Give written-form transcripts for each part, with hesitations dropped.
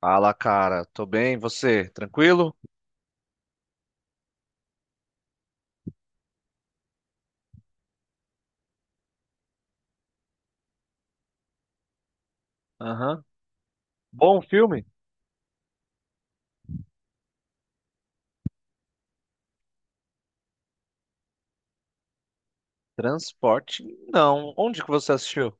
Fala, cara. Tô bem, você? Tranquilo? Aham. Bom filme? Transporte? Não. Onde que você assistiu?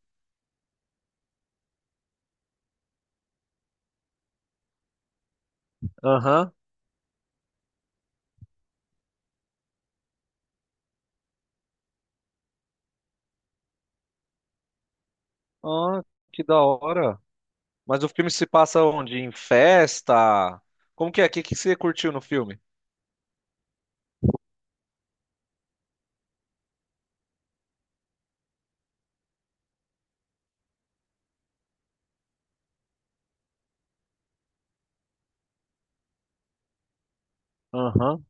Aham. Ah, que da hora. Mas o filme se passa onde? Em festa? Como que é? O que que você curtiu no filme? Aham.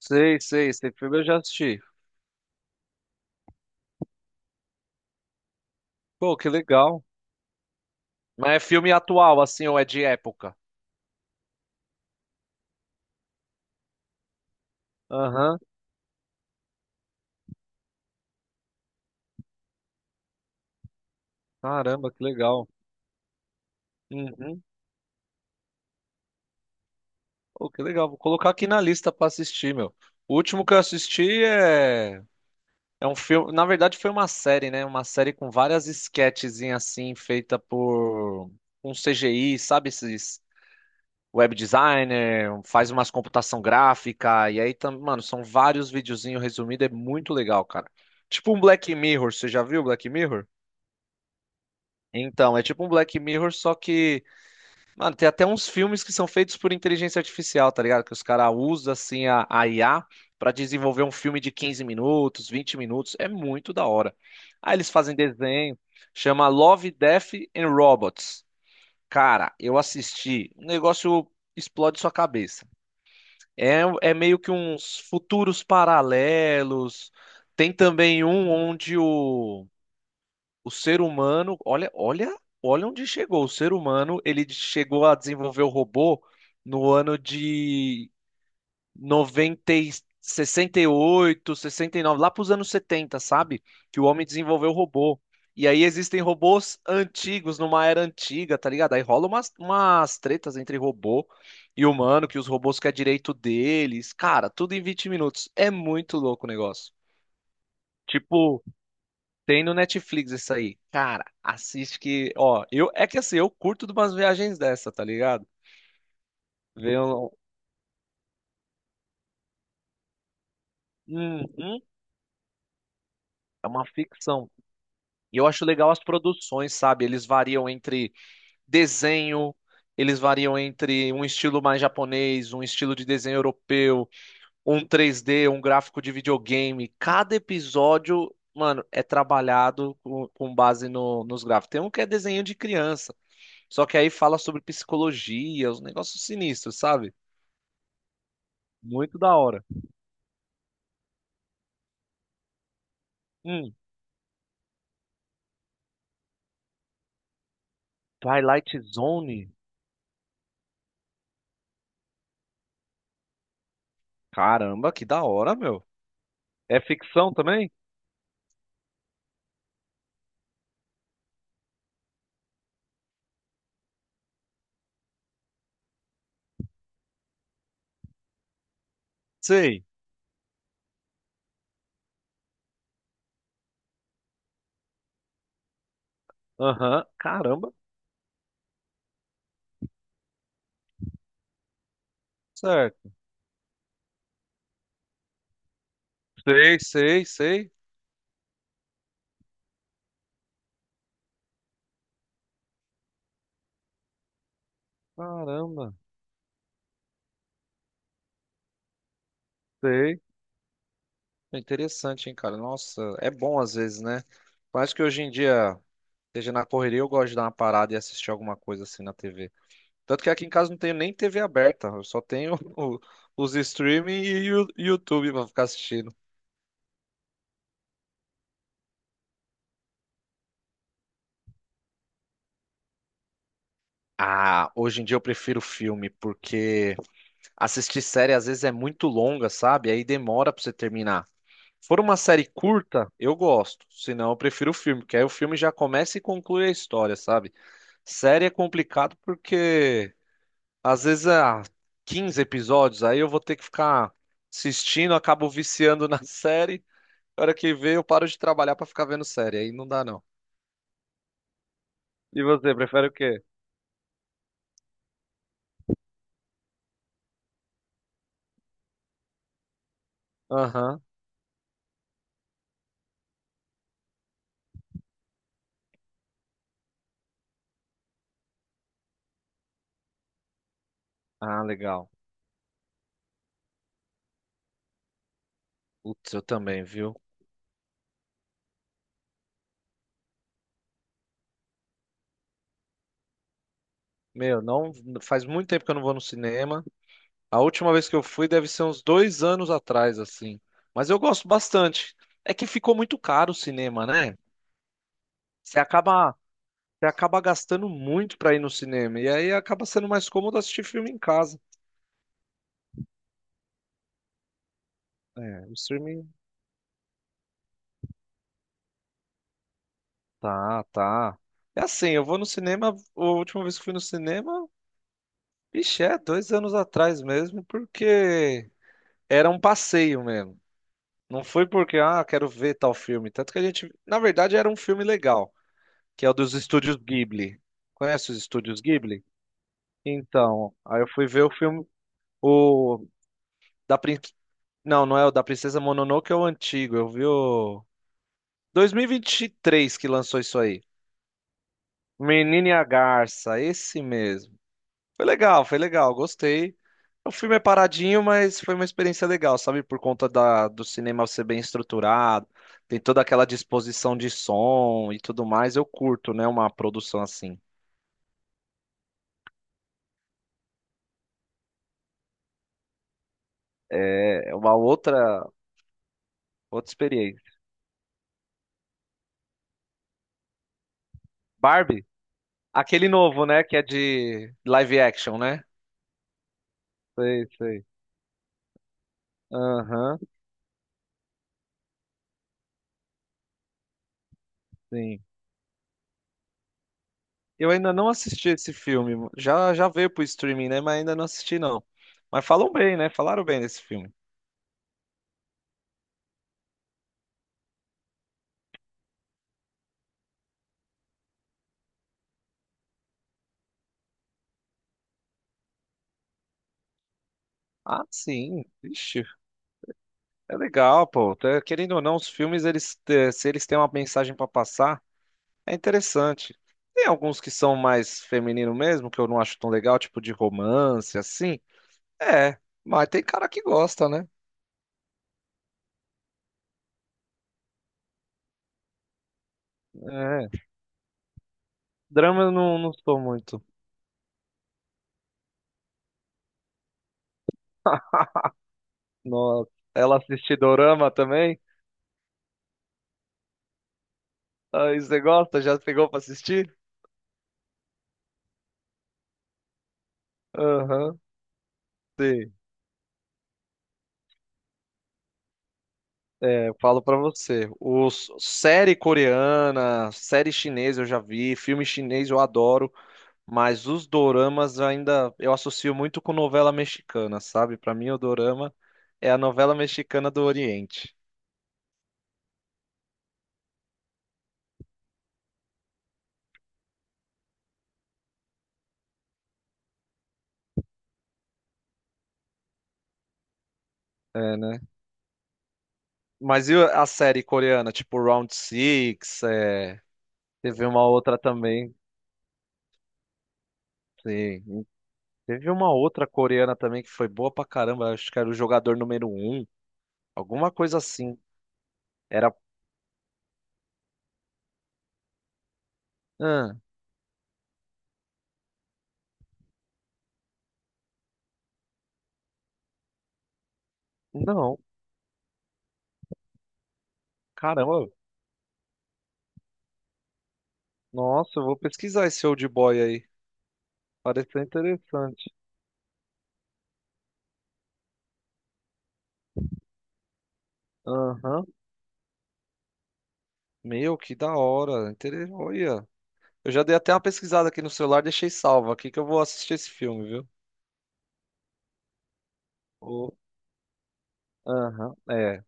Sei, sei. Esse filme eu já assisti. Pô, que legal. Mas é filme atual, assim, ou é de época? Aham. Caramba, que legal. Uhum. Pô, que legal. Vou colocar aqui na lista pra assistir, meu. O último que eu assisti é é um filme, na verdade foi uma série, né? Uma série com várias sketchzinhas assim, feita por um CGI, sabe? Esses web designer, faz umas computação gráfica, e aí, mano, são vários videozinhos resumidos, é muito legal, cara. Tipo um Black Mirror, você já viu Black Mirror? Então, é tipo um Black Mirror, só que mano, tem até uns filmes que são feitos por inteligência artificial, tá ligado? Que os caras usam, assim, a IA pra desenvolver um filme de 15 minutos, 20 minutos. É muito da hora. Aí eles fazem desenho, chama Love, Death and Robots. Cara, eu assisti, o negócio explode sua cabeça. É, é meio que uns futuros paralelos. Tem também um onde o ser humano, olha, olha, olha onde chegou. O ser humano, ele chegou a desenvolver o robô no ano de 90 e sessenta, 68, 69, lá para os anos 70, sabe? Que o homem desenvolveu o robô. E aí existem robôs antigos, numa era antiga, tá ligado? Aí rola umas tretas entre robô e humano, que os robôs querem direito deles. Cara, tudo em 20 minutos. É muito louco o negócio. Tipo, tem no Netflix isso aí. Cara, assiste que, ó, eu é que assim, eu curto de umas viagens dessa, tá ligado? Ver um, uhum, é uma ficção. E eu acho legal as produções, sabe? Eles variam entre desenho, eles variam entre um estilo mais japonês, um estilo de desenho europeu, um 3D, um gráfico de videogame. Cada episódio, mano, é trabalhado com base nos gráficos. Tem um que é desenho de criança. Só que aí fala sobre psicologia, os negócios sinistros, sabe? Muito da hora. Hum, Twilight Zone. Caramba, que da hora, meu. É ficção também? Sei. Aham. Caramba. Certo. Sei, sei, sei. Caramba. Sei. É interessante, hein, cara? Nossa, é bom às vezes, né? Eu acho que hoje em dia, seja na correria, eu gosto de dar uma parada e assistir alguma coisa assim na TV. Tanto que aqui em casa não tenho nem TV aberta, eu só tenho os streaming e o YouTube pra ficar assistindo. Ah, hoje em dia eu prefiro filme, porque assistir série às vezes é muito longa, sabe? Aí demora pra você terminar. Se for uma série curta, eu gosto. Se não, eu prefiro o filme, porque aí o filme já começa e conclui a história, sabe? Série é complicado porque às vezes há 15 episódios, aí eu vou ter que ficar assistindo, acabo viciando na série. Na hora que vê, eu paro de trabalhar pra ficar vendo série. Aí não dá, não. E você, prefere o quê? Aham. Ah, legal. Putz, eu também, viu? Meu, não faz muito tempo que eu não vou no cinema. A última vez que eu fui deve ser uns 2 anos atrás, assim. Mas eu gosto bastante. É que ficou muito caro o cinema, né? Você acaba, você acaba gastando muito pra ir no cinema. E aí acaba sendo mais cômodo assistir filme em casa. É, o streaming. Tá, tá. É assim, eu vou no cinema. A última vez que fui no cinema, vixe, é 2 anos atrás mesmo, porque era um passeio mesmo. Não foi porque, ah, quero ver tal filme. Tanto que a gente, na verdade, era um filme legal, que é o dos estúdios Ghibli. Conhece os estúdios Ghibli? Então, aí eu fui ver o filme, o da Prin... Não, não é o da Princesa Mononoke, é o antigo. Eu vi o dois mil e vinte e três que lançou isso aí. Menina e a Garça, esse mesmo. Foi legal, gostei. O filme é paradinho, mas foi uma experiência legal, sabe? Por conta da, do cinema ser bem estruturado, tem toda aquela disposição de som e tudo mais. Eu curto, né? Uma produção assim. É uma outra, outra experiência. Barbie, aquele novo, né? Que é de live action, né? Sei, sei. Aham, sim. Eu ainda não assisti esse filme. Já, já veio pro streaming, né? Mas ainda não assisti, não. Mas falam bem, né? Falaram bem desse filme. Ah, sim. Ixi, é legal, pô. Tá- querendo ou não, os filmes, eles, se eles têm uma mensagem pra passar, é interessante. Tem alguns que são mais feminino mesmo, que eu não acho tão legal, tipo de romance, assim. É, mas tem cara que gosta, né? É. Drama eu não, não sou muito. Nossa. Ela assiste dorama também? Aí você gosta? Já pegou pra assistir? Aham. Sim. É, eu falo pra você. Os, série coreana, série chinesa eu já vi, filme chinês eu adoro. Mas os doramas ainda eu associo muito com novela mexicana, sabe? Pra mim, o dorama é a novela mexicana do Oriente. É, né? Mas e a série coreana, tipo Round Six, é, teve uma outra também, sim. Teve uma outra coreana também que foi boa pra caramba, acho que era o jogador número um. Alguma coisa assim. Era. Ah, não. Caramba. Nossa, eu vou pesquisar esse old boy aí. Pareceu interessante. Aham. Meu, que da hora. Inter... Olha. Eu já dei até uma pesquisada aqui no celular, deixei salvo aqui que eu vou assistir esse filme, viu? O- Aham, é.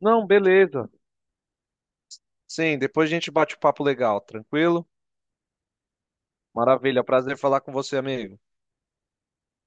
Não, beleza. Sim, depois a gente bate o papo legal, tranquilo? Maravilha, prazer falar com você, amigo.